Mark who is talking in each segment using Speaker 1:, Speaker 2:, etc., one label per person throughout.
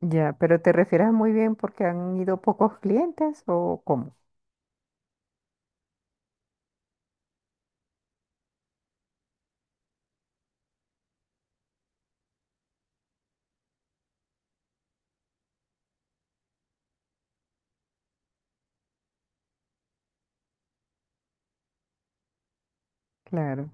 Speaker 1: Ya, pero te refieres muy bien porque han ido pocos clientes o cómo? Claro,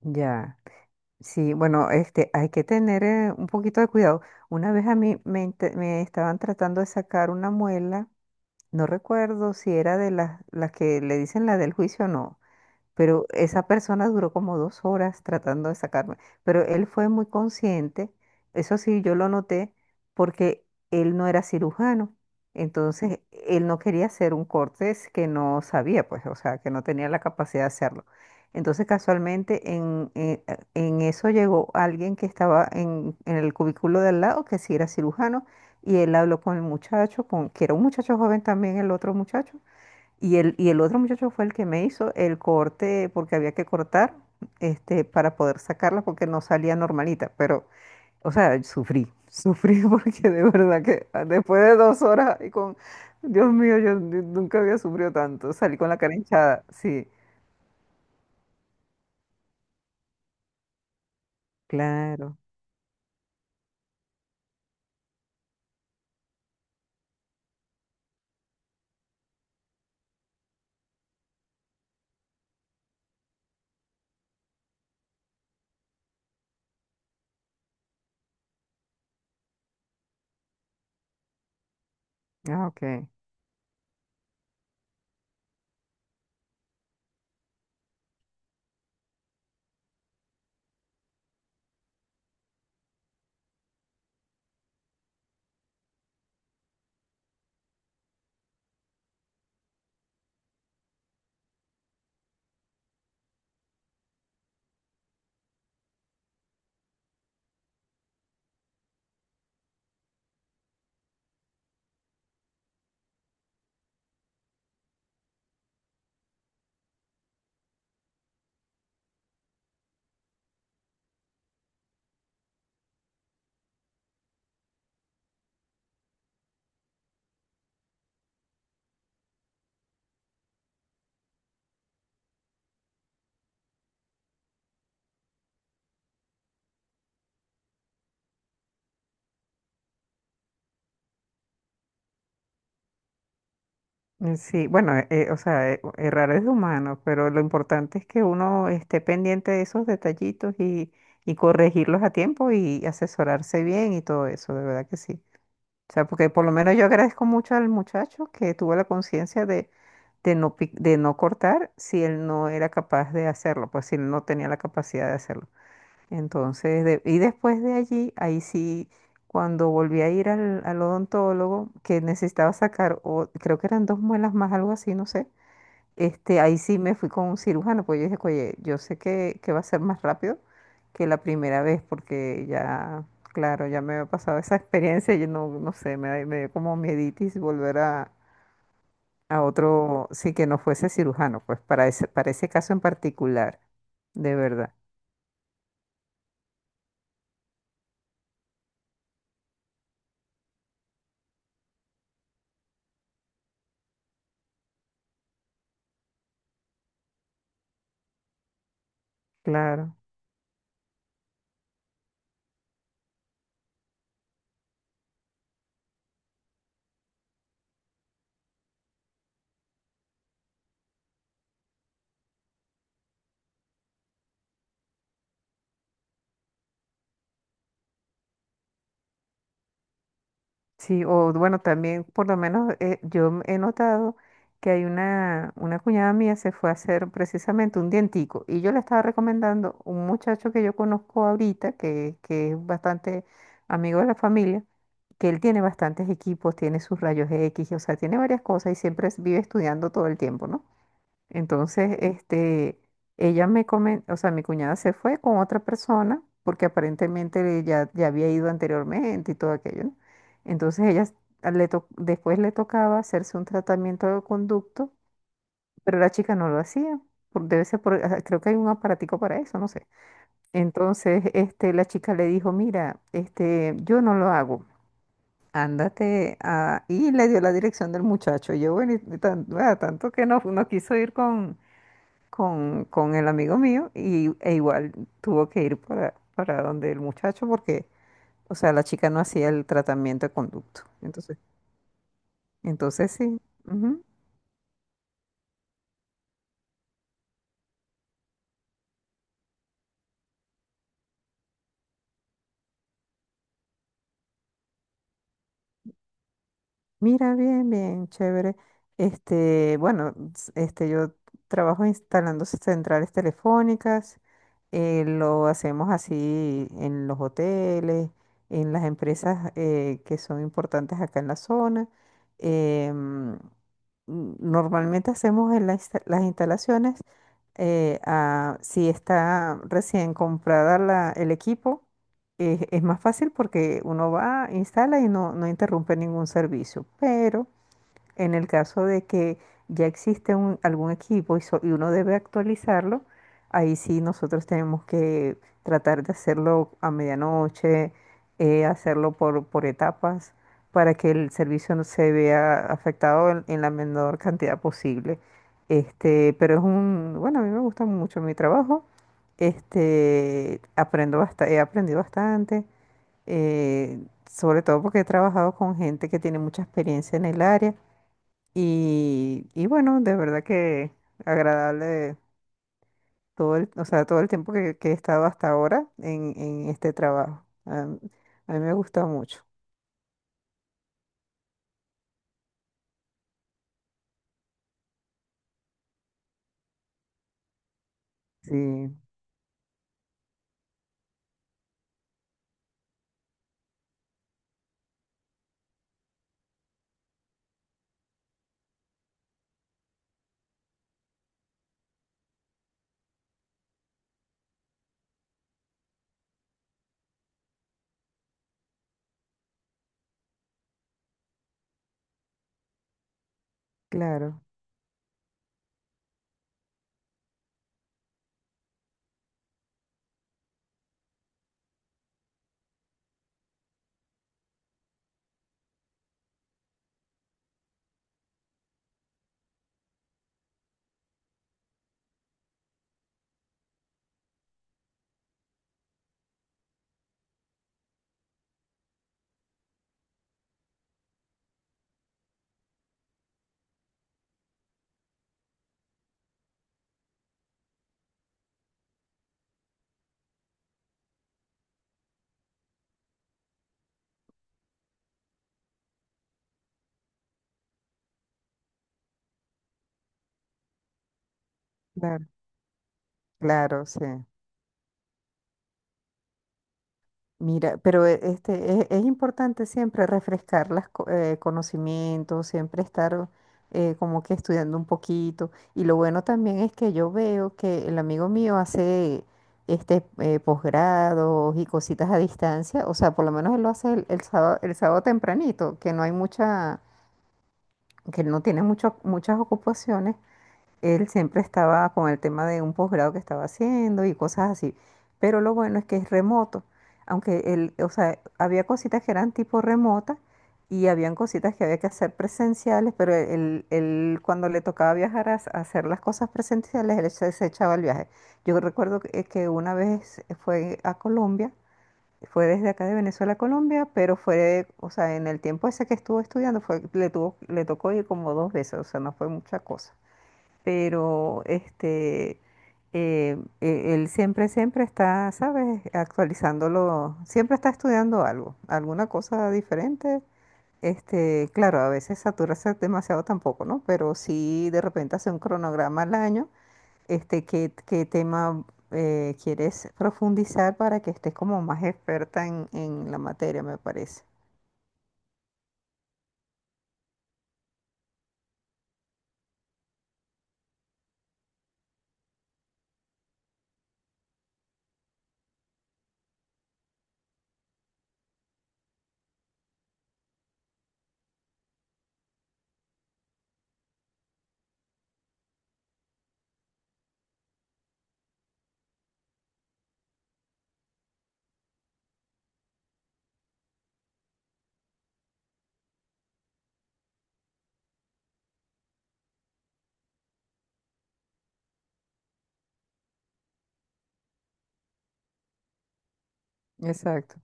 Speaker 1: ya. Sí, bueno, este, hay que tener un poquito de cuidado. Una vez a mí me, me estaban tratando de sacar una muela, no recuerdo si era de las que le dicen la del juicio o no. Pero esa persona duró como dos horas tratando de sacarme. Pero él fue muy consciente, eso sí, yo lo noté, porque él no era cirujano. Entonces, él no quería hacer un corte es que no sabía, pues, o sea, que no tenía la capacidad de hacerlo. Entonces, casualmente, en eso llegó alguien que estaba en el cubículo de al lado, que sí era cirujano, y él habló con el muchacho, que era un muchacho joven también, el otro muchacho. Y el otro muchacho fue el que me hizo el corte, porque había que cortar, este, para poder sacarla, porque no salía normalita. Pero, o sea, sufrí porque de verdad que después de dos horas y con, Dios mío, yo nunca había sufrido tanto. Salí con la cara hinchada, sí, claro. Ah, ok. Sí, bueno, o sea, errar es de humano, pero lo importante es que uno esté pendiente de esos detallitos y corregirlos a tiempo y asesorarse bien y todo eso, de verdad que sí. O sea, porque por lo menos yo agradezco mucho al muchacho que tuvo la conciencia de, de no cortar si él no era capaz de hacerlo, pues si él no tenía la capacidad de hacerlo. Entonces, y después de allí, ahí sí, cuando volví a ir al, al odontólogo, que necesitaba sacar, o, creo que eran dos muelas más, algo así, no sé. Este, ahí sí me fui con un cirujano, pues yo dije, oye, yo sé que va a ser más rápido que la primera vez, porque ya, claro, ya me había pasado esa experiencia, yo no, no sé, me dio como mieditis volver a otro, sí, que no fuese cirujano, pues para ese caso en particular, de verdad, claro. Sí, o bueno, también por lo menos yo he notado que hay una cuñada mía se fue a hacer precisamente un dientico y yo le estaba recomendando un muchacho que yo conozco ahorita, que es bastante amigo de la familia, que él tiene bastantes equipos, tiene sus rayos X, o sea, tiene varias cosas y siempre vive estudiando todo el tiempo, ¿no? Entonces, este, ella me comentó, o sea, mi cuñada se fue con otra persona porque aparentemente ya, ya había ido anteriormente y todo aquello, ¿no? Entonces, ella s- a- le to- después le tocaba hacerse un tratamiento de conducto, pero la chica no lo hacía. Debe ser por, ah, creo que hay un aparatico para eso, no sé. Entonces, este, la chica le dijo, mira, este, yo no lo hago, ándate a... Y le dio la dirección del muchacho. Yo, bueno, tanto que no, no quiso ir con, con el amigo mío y, e igual tuvo que ir para donde el muchacho porque, o sea, la chica no hacía el tratamiento de conducto. Entonces, entonces sí. Ujú. Mira, bien, bien, chévere. Este, bueno, este, yo trabajo instalando centrales telefónicas, lo hacemos así en los hoteles, en las empresas que son importantes acá en la zona. Em, normalmente hacemos en las instalaciones, si está recién comprada el equipo es más fácil porque uno va, instala y no, no interrumpe ningún servicio, pero... En el caso de que ya existe algún equipo y, y uno debe actualizarlo, ahí sí nosotros tenemos que tratar de hacerlo a medianoche, hacerlo por etapas, para que el servicio no se vea afectado en la menor cantidad posible. Este, pero es un, bueno, a mí me gusta mucho mi trabajo. Este, he aprendido bastante, eh, sobre todo porque he trabajado con gente que tiene mucha experiencia en el área y bueno, de verdad que agradable todo el, o sea, todo el tiempo que he estado hasta ahora en este trabajo. A mí me gusta mucho. Sí, claro, claro, claro, sí. Mira, pero este, es importante siempre refrescar los conocimientos, siempre estar como que estudiando un poquito. Y lo bueno también es que yo veo que el amigo mío hace este posgrados y cositas a distancia. O sea, por lo menos él lo hace el sábado tempranito, que no hay mucha, que no tiene mucho, muchas ocupaciones. Él siempre estaba con el tema de un posgrado que estaba haciendo y cosas así. Pero lo bueno es que es remoto. Aunque él, o sea, había cositas que eran tipo remota y habían cositas que había que hacer presenciales, pero él cuando le tocaba viajar a hacer las cosas presenciales, se echaba el viaje. Yo recuerdo que una vez fue a Colombia, fue desde acá de Venezuela a Colombia, pero fue, o sea, en el tiempo ese que estuvo estudiando, le tocó ir como dos veces, o sea, no fue mucha cosa pero este, él siempre, siempre está, ¿sabes? Actualizándolo, siempre está estudiando algo, alguna cosa diferente. Este, claro, a veces saturarse demasiado tampoco, ¿no? Pero sí de repente hace un cronograma al año, este, qué tema quieres profundizar para que estés como más experta en la materia, me parece. Exacto.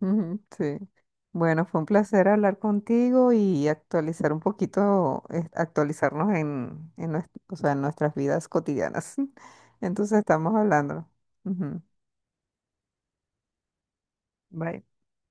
Speaker 1: Ujú, sí. Bueno, fue un placer hablar contigo y actualizar un poquito, actualizarnos o sea, en nuestras vidas cotidianas. Entonces estamos hablando. Ujú, bye.